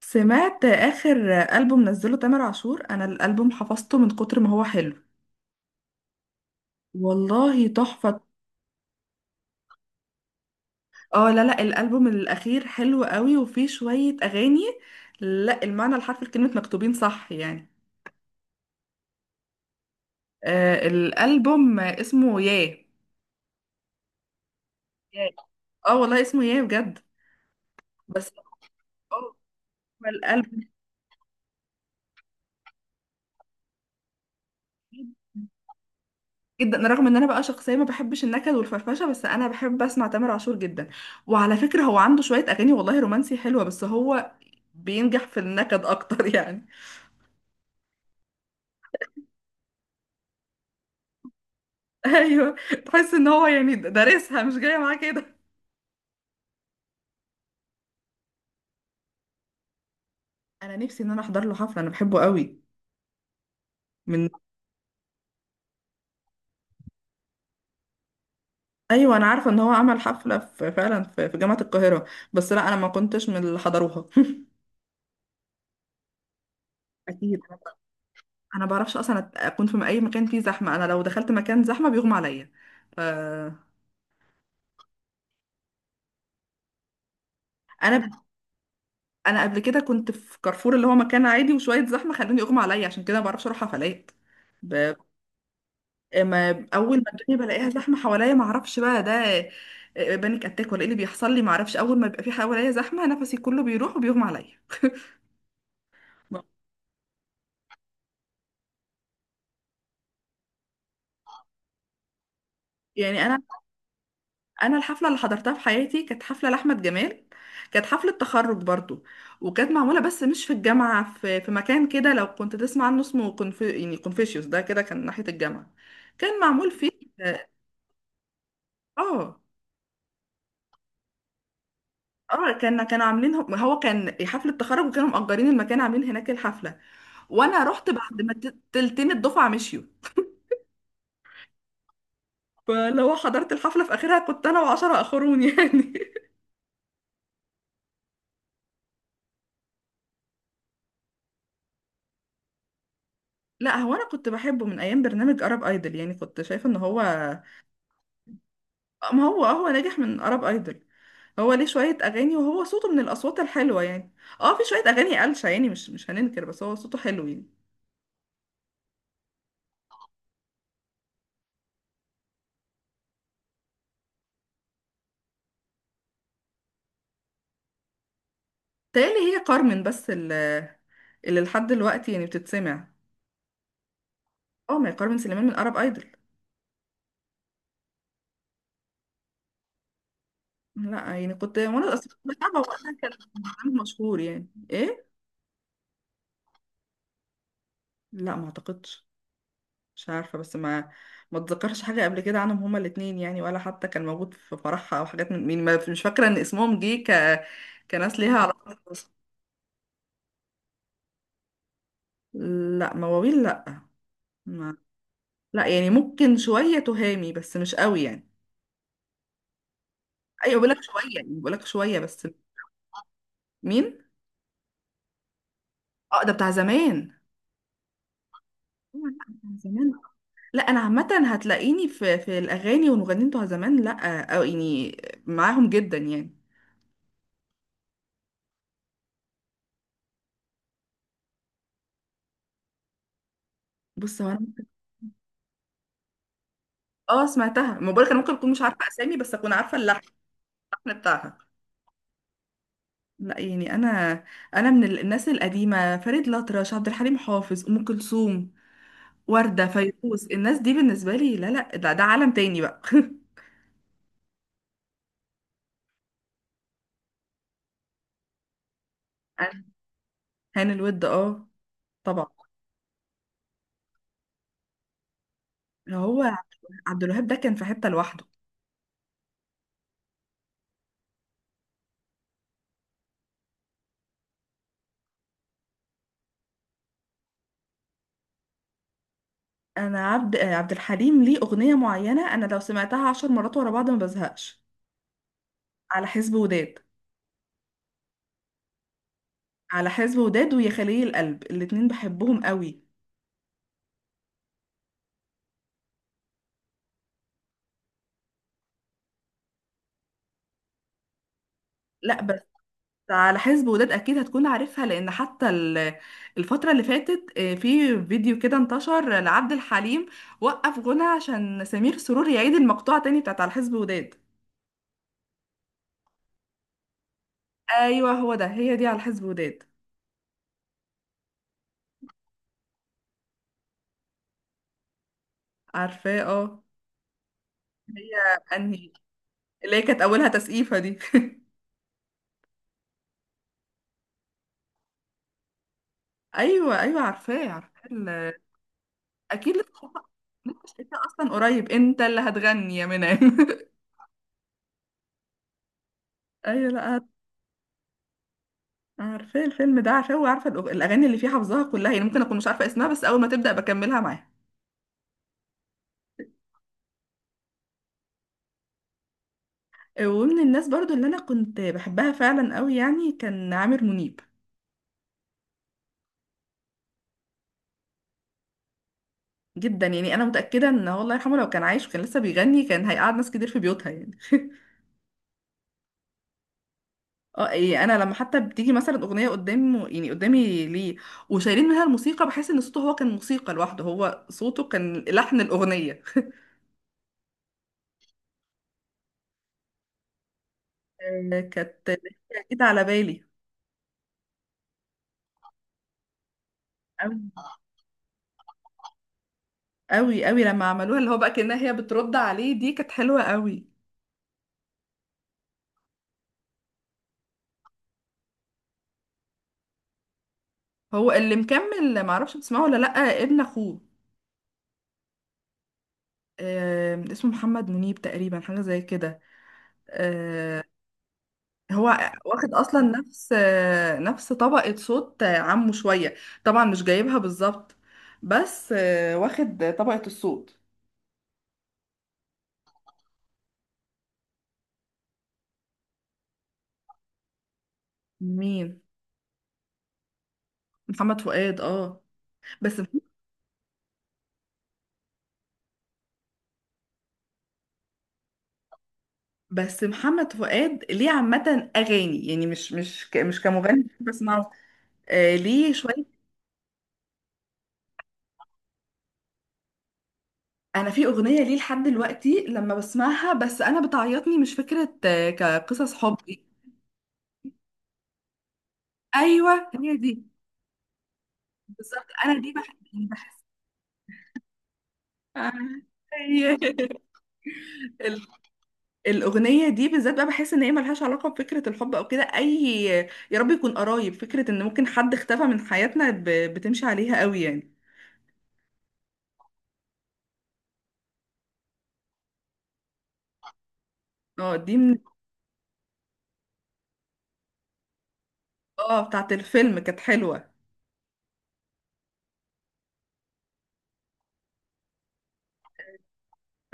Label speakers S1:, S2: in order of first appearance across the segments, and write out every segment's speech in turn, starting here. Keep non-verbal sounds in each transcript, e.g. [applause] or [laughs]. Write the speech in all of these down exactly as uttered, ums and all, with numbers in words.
S1: سمعت آخر ألبوم نزله تامر عاشور، أنا الألبوم حفظته من كتر ما هو حلو. والله تحفة. اه، لا، لا، الألبوم الأخير حلو قوي وفيه شوية أغاني. لا، المعنى الحرفي لكلمة مكتوبين صح يعني. آه، الألبوم اسمه ياه. ياه. اه، والله اسمه ياه بجد. بس. اه. الألبوم. جدا، جدا، أنا رغم ان انا بقى شخصيه ما بحبش النكد والفرفشه، بس انا بحب اسمع تامر عاشور جدا. وعلى فكره هو عنده شويه اغاني والله رومانسي حلوه، بس هو بينجح في النكد اكتر يعني. [laughs] ايوه، تحس ان هو يعني دارسها مش جايه معاه كده. انا نفسي ان انا احضر له حفله، انا بحبه قوي. من. [laughs] ايوه، انا عارفه ان هو عمل حفله، في، فعلا، في في جامعه القاهره. بس لا، انا ما كنتش من اللي حضروها. [laughs] اكيد. انا ما بعرفش اصلا أت- اكون في اي مكان فيه زحمه. انا لو دخلت مكان زحمه بيغمى عليا. ف. انا انا قبل كده كنت في كارفور اللي هو مكان عادي، وشويه زحمه خلوني اغمى عليا، عشان كده ما بعرفش اروح حفلات. ب... ما اول ما الدنيا بلاقيها زحمه حواليا ما اعرفش بقى ده. آه، آه، بانيك اتاك ولا ايه اللي بيحصل لي، ما اعرفش. اول ما بيبقى في حواليا زحمه نفسي كله بيروح وبيغمى عليا. يعني انا. انا الحفله اللي حضرتها في حياتي كانت حفله لاحمد جمال. كانت حفله تخرج برضو. وكانت معموله بس مش في الجامعه، في في مكان كده لو كنت تسمع عنه اسمه كونف... يعني كونفوشيوس. ده كده كان ناحيه الجامعه. كان معمول فيه. اه. آه. اه، كان كانوا عاملين، هو كان حفلة تخرج وكانوا مأجرين المكان، عاملين هناك الحفلة. وانا رحت بعد ما ت- تلتين الدفعة مشيوا. فلو حضرت الحفلة في اخرها كنت انا وعشرة اخرون يعني. [laughs] لا هو، انا كنت بحبه من ايام برنامج ارب ايدل، يعني كنت شايفة ان هو. ما هو، هو ناجح من ارب ايدل. هو ليه شوية اغاني وهو صوته من الاصوات الحلوة يعني. اه، في شوية اغاني قلشة يعني مش مش هننكر، بس هو صوته حلو يعني. تالي هي كارمن، بس اللي اللي لحد دلوقتي يعني بتتسمع. اه، ما هي كارمن سليمان من ارب ايدل. لا يعني كنت، وانا اصلا كنت بتابعه وقتها، كان برنامج مشهور يعني ايه. لا، ما اعتقدش. مش عارفه، بس ما ما اتذكرش حاجه قبل كده عنهم هما الاثنين يعني، ولا حتى كان موجود في فرحها او حاجات من مين. ما- مش فاكره ان اسمهم جه ك كناس ليها علاقه بالرقص. لا، مواويل لا. ما. لا يعني ممكن شويه تهامي بس مش قوي يعني. ايوه، بقول لك شويه يعني، بقول لك شويه بس. مين؟ اه، ده بتاع زمان. أيوة، لا، بتاع زمان. لا انا عامه هتلاقيني في في الاغاني والمغنيين بتوع زمان، لا او يعني معاهم جدا يعني. بص هو انا. اه سمعتها، ما بقولك انا ممكن اكون مش عارفه اسامي بس اكون عارفه اللحن. اللحن بتاعها. لا يعني انا. انا من الناس القديمه، فريد الأطرش، عبد الحليم حافظ، ام كلثوم، ورده، فيروز، الناس دي بالنسبه لي، لا، لا، ده ده عالم تاني بقى. [laughs] هاني الود، اه. طبعا. اللي هو عبد الوهاب ده كان في حته لوحده. انا عبد آه، عبد الحليم ليه اغنيه معينه، انا لو سمعتها عشر مرات ورا بعض ما بزهقش. على حزب وداد. على حزب وداد ويا خليل القلب، الاتنين بحبهم قوي. لا بس. على حزب وداد اكيد هتكون عارفها، لان حتى ال- الفتره اللي فاتت آه، في فيديو كده انتشر لعبد الحليم، وقف غنى عشان سمير سرور يعيد المقطوعه تاني بتاعت على حزب وداد. ايوه، هو ده، هي دي على حزب وداد. عارفاه، اه. هي انهي؟ اللي هي كانت اولها تسقيفه دي. [laughs] ايوه، ايوه، عارفاه، عارفاه. اكيد لسه شايفاها. لسه شايفاها اصلا قريب. انت اللي هتغني يا منى. [laughs] ايوه، لا، عارف- عارفاه الفيلم ده، عارفاه، وعارفه الأغ- الاغاني اللي فيه حافظاها كلها، يعني ممكن اكون مش عارفه اسمها بس اول ما تبدا بكملها معاها. ومن الناس برضو اللي انا كنت بحبها فعلا قوي يعني كان عامر منيب. جدا يعني، انا متاكده ان هو الله يرحمه لو كان عايش وكان لسه بيغني كان هيقعد ناس كتير في بيوتها يعني. [laughs] اه، إيه، انا لما حتى بتيجي مثلا اغنيه قدامه، يعني قدامي ليه، وشايلين منها الموسيقى، بحس ان صوته هو كان موسيقى لوحده، هو صوته كان لحن الاغنيه. آه، كانت لسه جديدة على بالي. أوي، أوي، أوي لما عملوها اللي هو بقى كأنها هي بترد عليه، دي كانت حلوة أوي. هو اللي مكمل معرفش بتسمعه ولا لأ، ابن أخوه. آه، اسمه محمد منيب تقريبا، حاجة زي كده. آه، هو واخد أصلا نفس، آه، نفس طبقة صوت آه، عمه شوية. طبعا مش جايبها بالظبط، بس آه، واخد طبقة الصوت. مين؟ محمد فؤاد. اه، بس. بس محمد فؤاد ليه عامة أغاني يعني مش مش ك- مش كمغني بسمعه. آه، ليه شوية. أنا في أغنية ليه لحد دلوقتي لما بسمعها، بس أنا بتعيطني، مش فكرة آه كقصص حب. أيوه، هي دي. بالظبط، أنا دي بحس بحس. آه، هي. [laughs] ال- الأغنية دي بالذات بقى بحس إن هي ملهاش علاقة بفكرة الحب أو كده، أي يا رب يكون قرايب فكرة، إن ممكن حد اختفى من حياتنا، ب... بتمشي عليها قوي يعني. اه، دي من. اه، بتاعت الفيلم كانت حلوة.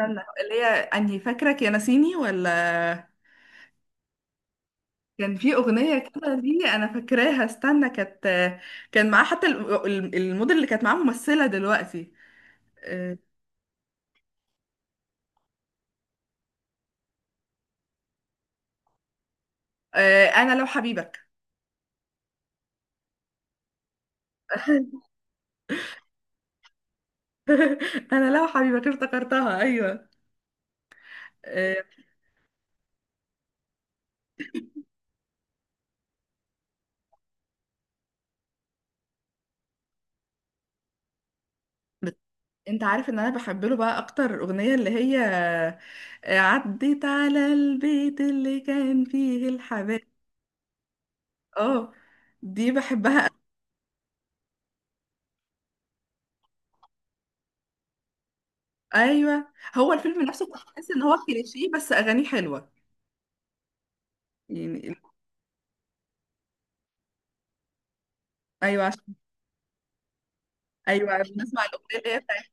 S1: استنى، اللي هي انهي؟ فاكرك يا ناسيني ولا؟ كان في اغنيه كده دي انا فاكراها، استنى، كانت، كان معاه حتى ال- ال- الموديل اللي كانت معاه، ممثله دلوقتي. آه، آه، انا لو حبيبك. [laughs] انا لو حبيبك افتكرتها، ايوه. آه، بت- انت عارف ان انا بحب له بقى اكتر اغنيه اللي هي آه، عديت على البيت اللي كان فيه الحباب. اه، دي بحبها. ايوه، هو الفيلم نفسه تحس ان هو كليشيه، بس اغانيه حلوه يعني. ايوه عشان. ايوه عشان نسمع الاغنيه اللي هي بتاعت.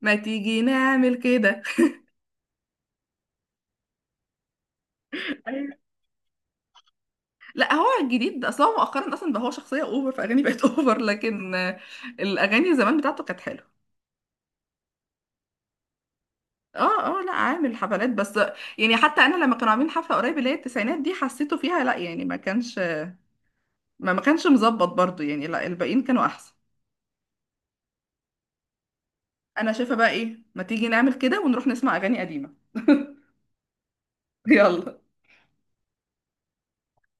S1: ما تيجي نعمل كده. أيوة. لا هو الجديد اصلا، هو مؤخرا اصلا بقى هو شخصيه اوفر، فاغاني بقت [laughs] اوفر، لكن آه، الاغاني زمان بتاعته كانت حلوه. اه، اه، لا، عامل حفلات بس. يعني حتى انا لما كانوا عاملين حفله قريب اللي هي التسعينات دي حسيته فيها لا يعني، ما كانش، ما ما كانش مظبط برضو يعني، لا الباقيين كانوا احسن. انا شايفه بقى ايه، ما تيجي نعمل كده ونروح نسمع اغاني قديمه. [laughs] يلا.